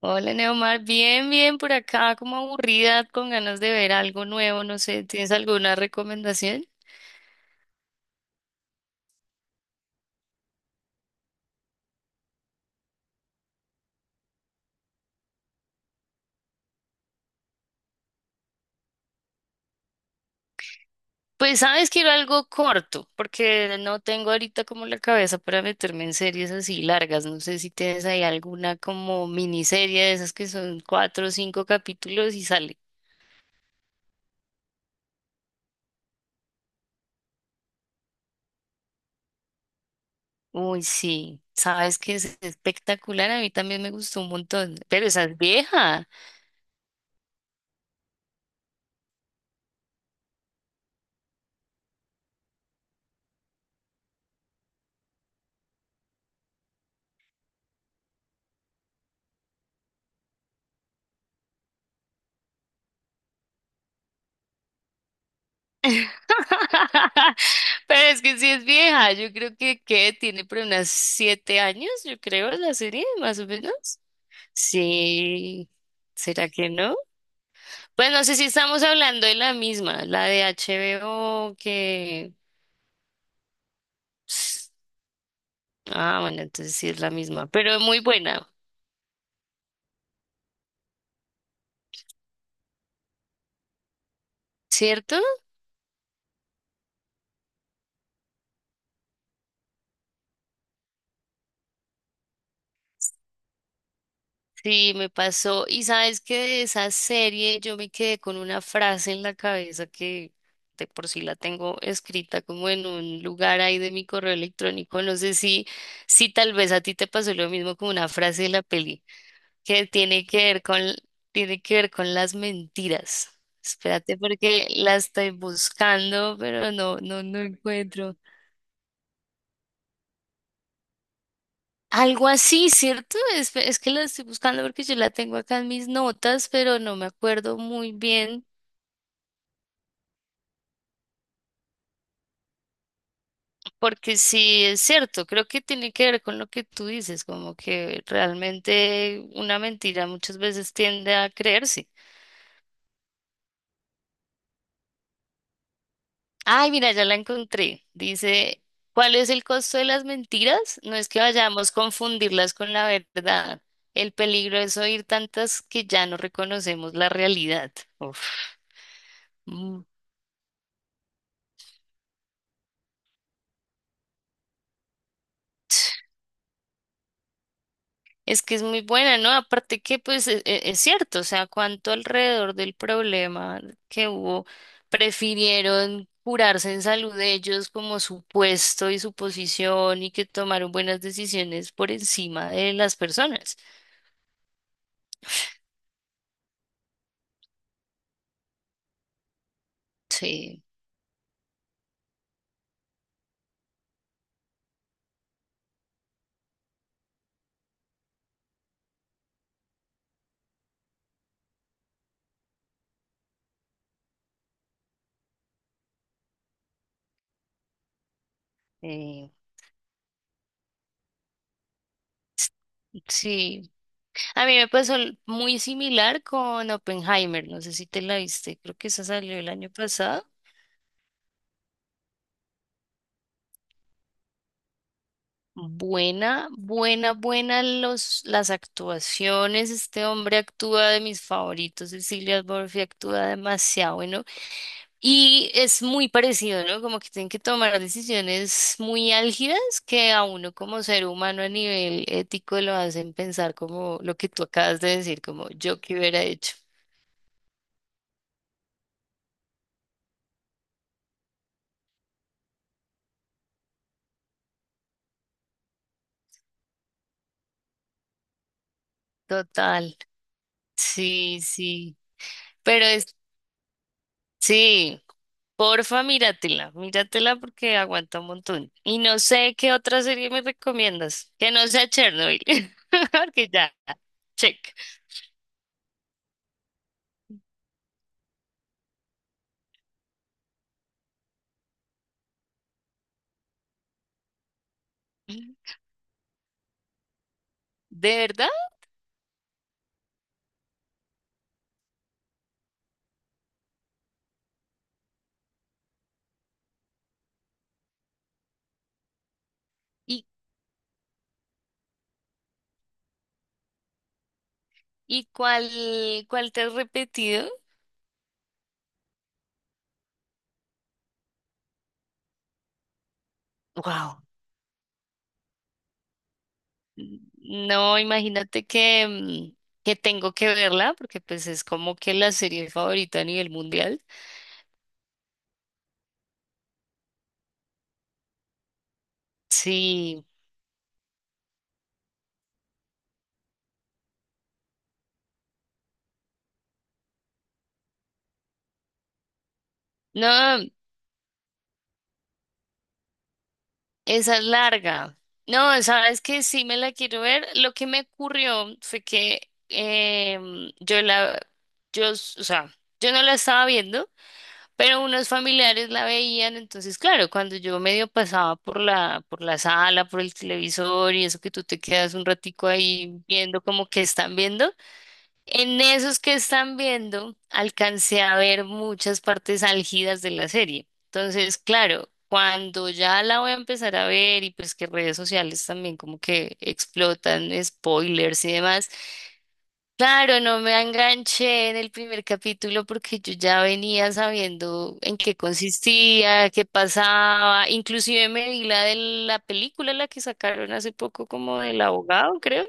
Hola Neomar, bien, bien por acá, como aburrida, con ganas de ver algo nuevo, no sé, ¿tienes alguna recomendación? Pues sabes, quiero algo corto, porque no tengo ahorita como la cabeza para meterme en series así largas, no sé si tienes ahí alguna como miniserie de esas que son cuatro o cinco capítulos y sale. Uy, sí, sabes que es espectacular, a mí también me gustó un montón, pero esa es vieja. Pero es que sí es vieja, yo creo que tiene por unas 7 años, yo creo, la serie, más o menos. Sí, ¿será que no? Pues no sé si estamos hablando de la misma, la de HBO que... Ah, bueno, entonces sí es la misma, pero muy buena, ¿cierto? Sí, me pasó. Y sabes que de esa serie yo me quedé con una frase en la cabeza que de por sí la tengo escrita como en un lugar ahí de mi correo electrónico. No sé si, si tal vez a ti te pasó lo mismo con una frase de la peli que tiene que ver con, tiene que ver con las mentiras. Espérate porque la estoy buscando, pero no, no, no encuentro. Algo así, ¿cierto? Es que la estoy buscando porque yo la tengo acá en mis notas, pero no me acuerdo muy bien, porque sí es cierto, creo que tiene que ver con lo que tú dices, como que realmente una mentira muchas veces tiende a creerse. Ay, mira, ya la encontré. Dice, ¿cuál es el costo de las mentiras? No es que vayamos a confundirlas con la verdad. El peligro es oír tantas que ya no reconocemos la realidad. Uf. Mm. Es que es muy buena, ¿no? Aparte que, pues, es, cierto, o sea, cuánto alrededor del problema que hubo prefirieron curarse en salud de ellos como su puesto y su posición y que tomaron buenas decisiones por encima de las personas. Sí, eh, sí. A mí me pasó muy similar con Oppenheimer, no sé si te la viste, creo que esa salió el año pasado. Buena, buena, buena los, las actuaciones. Este hombre actúa de mis favoritos. Cecilia Murphy actúa demasiado bueno. Y es muy parecido, ¿no? Como que tienen que tomar decisiones muy álgidas que a uno como ser humano a nivel ético lo hacen pensar como lo que tú acabas de decir, como yo que hubiera hecho. Total. Sí, sí. Pero es, sí. Porfa, míratela, míratela porque aguanta un montón. Y no sé qué otra serie me recomiendas, que no sea Chernobyl, porque ya, check. ¿De verdad? ¿Y, y cuál, cuál te has repetido? Wow. No, imagínate que, que tengo que verla, porque pues es como que la serie favorita a nivel mundial. Sí. No, esa es larga. No, sabes que sí me la quiero ver. Lo que me ocurrió fue que yo la, o sea, yo no la estaba viendo, pero unos familiares la veían. Entonces, claro, cuando yo medio pasaba por por la sala, por el televisor y eso que tú te quedas un ratico ahí viendo como que están viendo. En esos que están viendo, alcancé a ver muchas partes álgidas de la serie. Entonces, claro, cuando ya la voy a empezar a ver y pues que redes sociales también como que explotan spoilers y demás, claro, no me enganché en el primer capítulo porque yo ya venía sabiendo en qué consistía, qué pasaba, inclusive me vi la de la película, la que sacaron hace poco como del abogado, creo.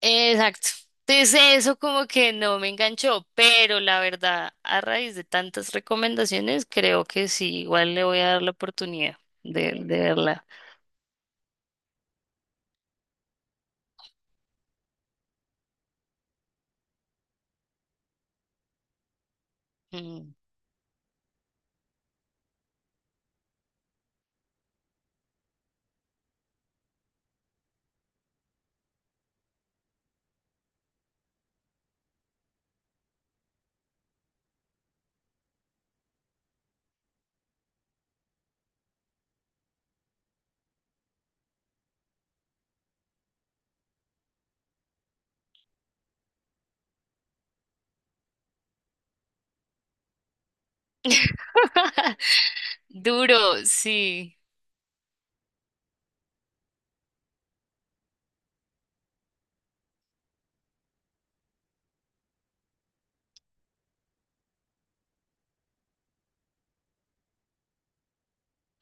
Exacto. Entonces eso como que no me enganchó, pero la verdad, a raíz de tantas recomendaciones, creo que sí, igual le voy a dar la oportunidad de verla. Mm. Duro, sí.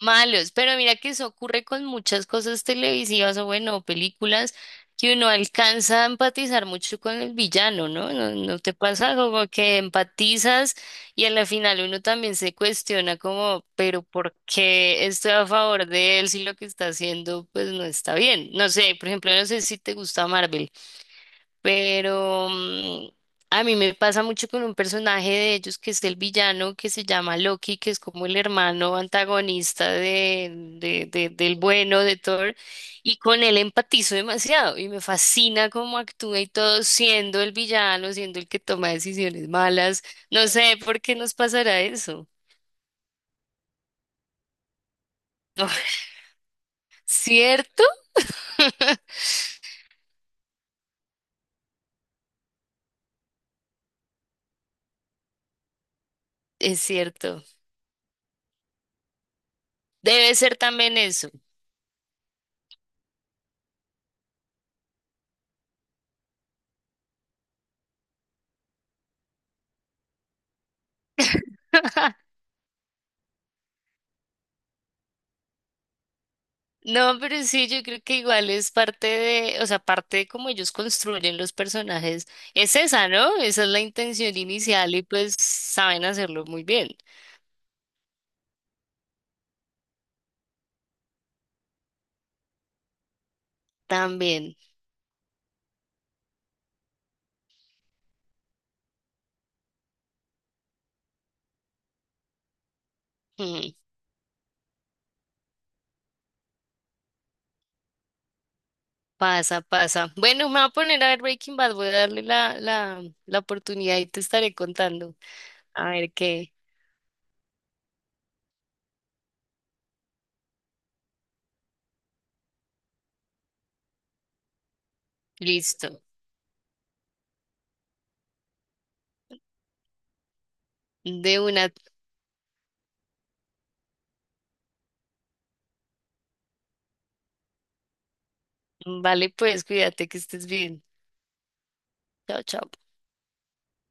Malos, pero mira que eso ocurre con muchas cosas televisivas o bueno, películas que uno alcanza a empatizar mucho con el villano, ¿no? ¿No, no te pasa como que empatizas y a la final uno también se cuestiona como, pero ¿por qué estoy a favor de él si lo que está haciendo pues no está bien? No sé, por ejemplo, no sé si te gusta Marvel. Pero a mí me pasa mucho con un personaje de ellos que es el villano que se llama Loki, que es como el hermano antagonista del bueno de Thor, y con él empatizo demasiado y me fascina cómo actúa y todo, siendo el villano, siendo el que toma decisiones malas. No sé por qué nos pasará eso. ¿Cierto? Es cierto. Debe ser también eso. No, pero sí, yo creo que igual es parte de, o sea, parte de cómo ellos construyen los personajes. Es esa, ¿no? Esa es la intención inicial y pues saben hacerlo muy bien. También. mm, pasa, pasa. Bueno, me voy a poner a ver Breaking Bad, voy a darle la oportunidad y te estaré contando. A ver qué. Listo. De una. Vale, pues cuídate que estés bien. Chao, chao.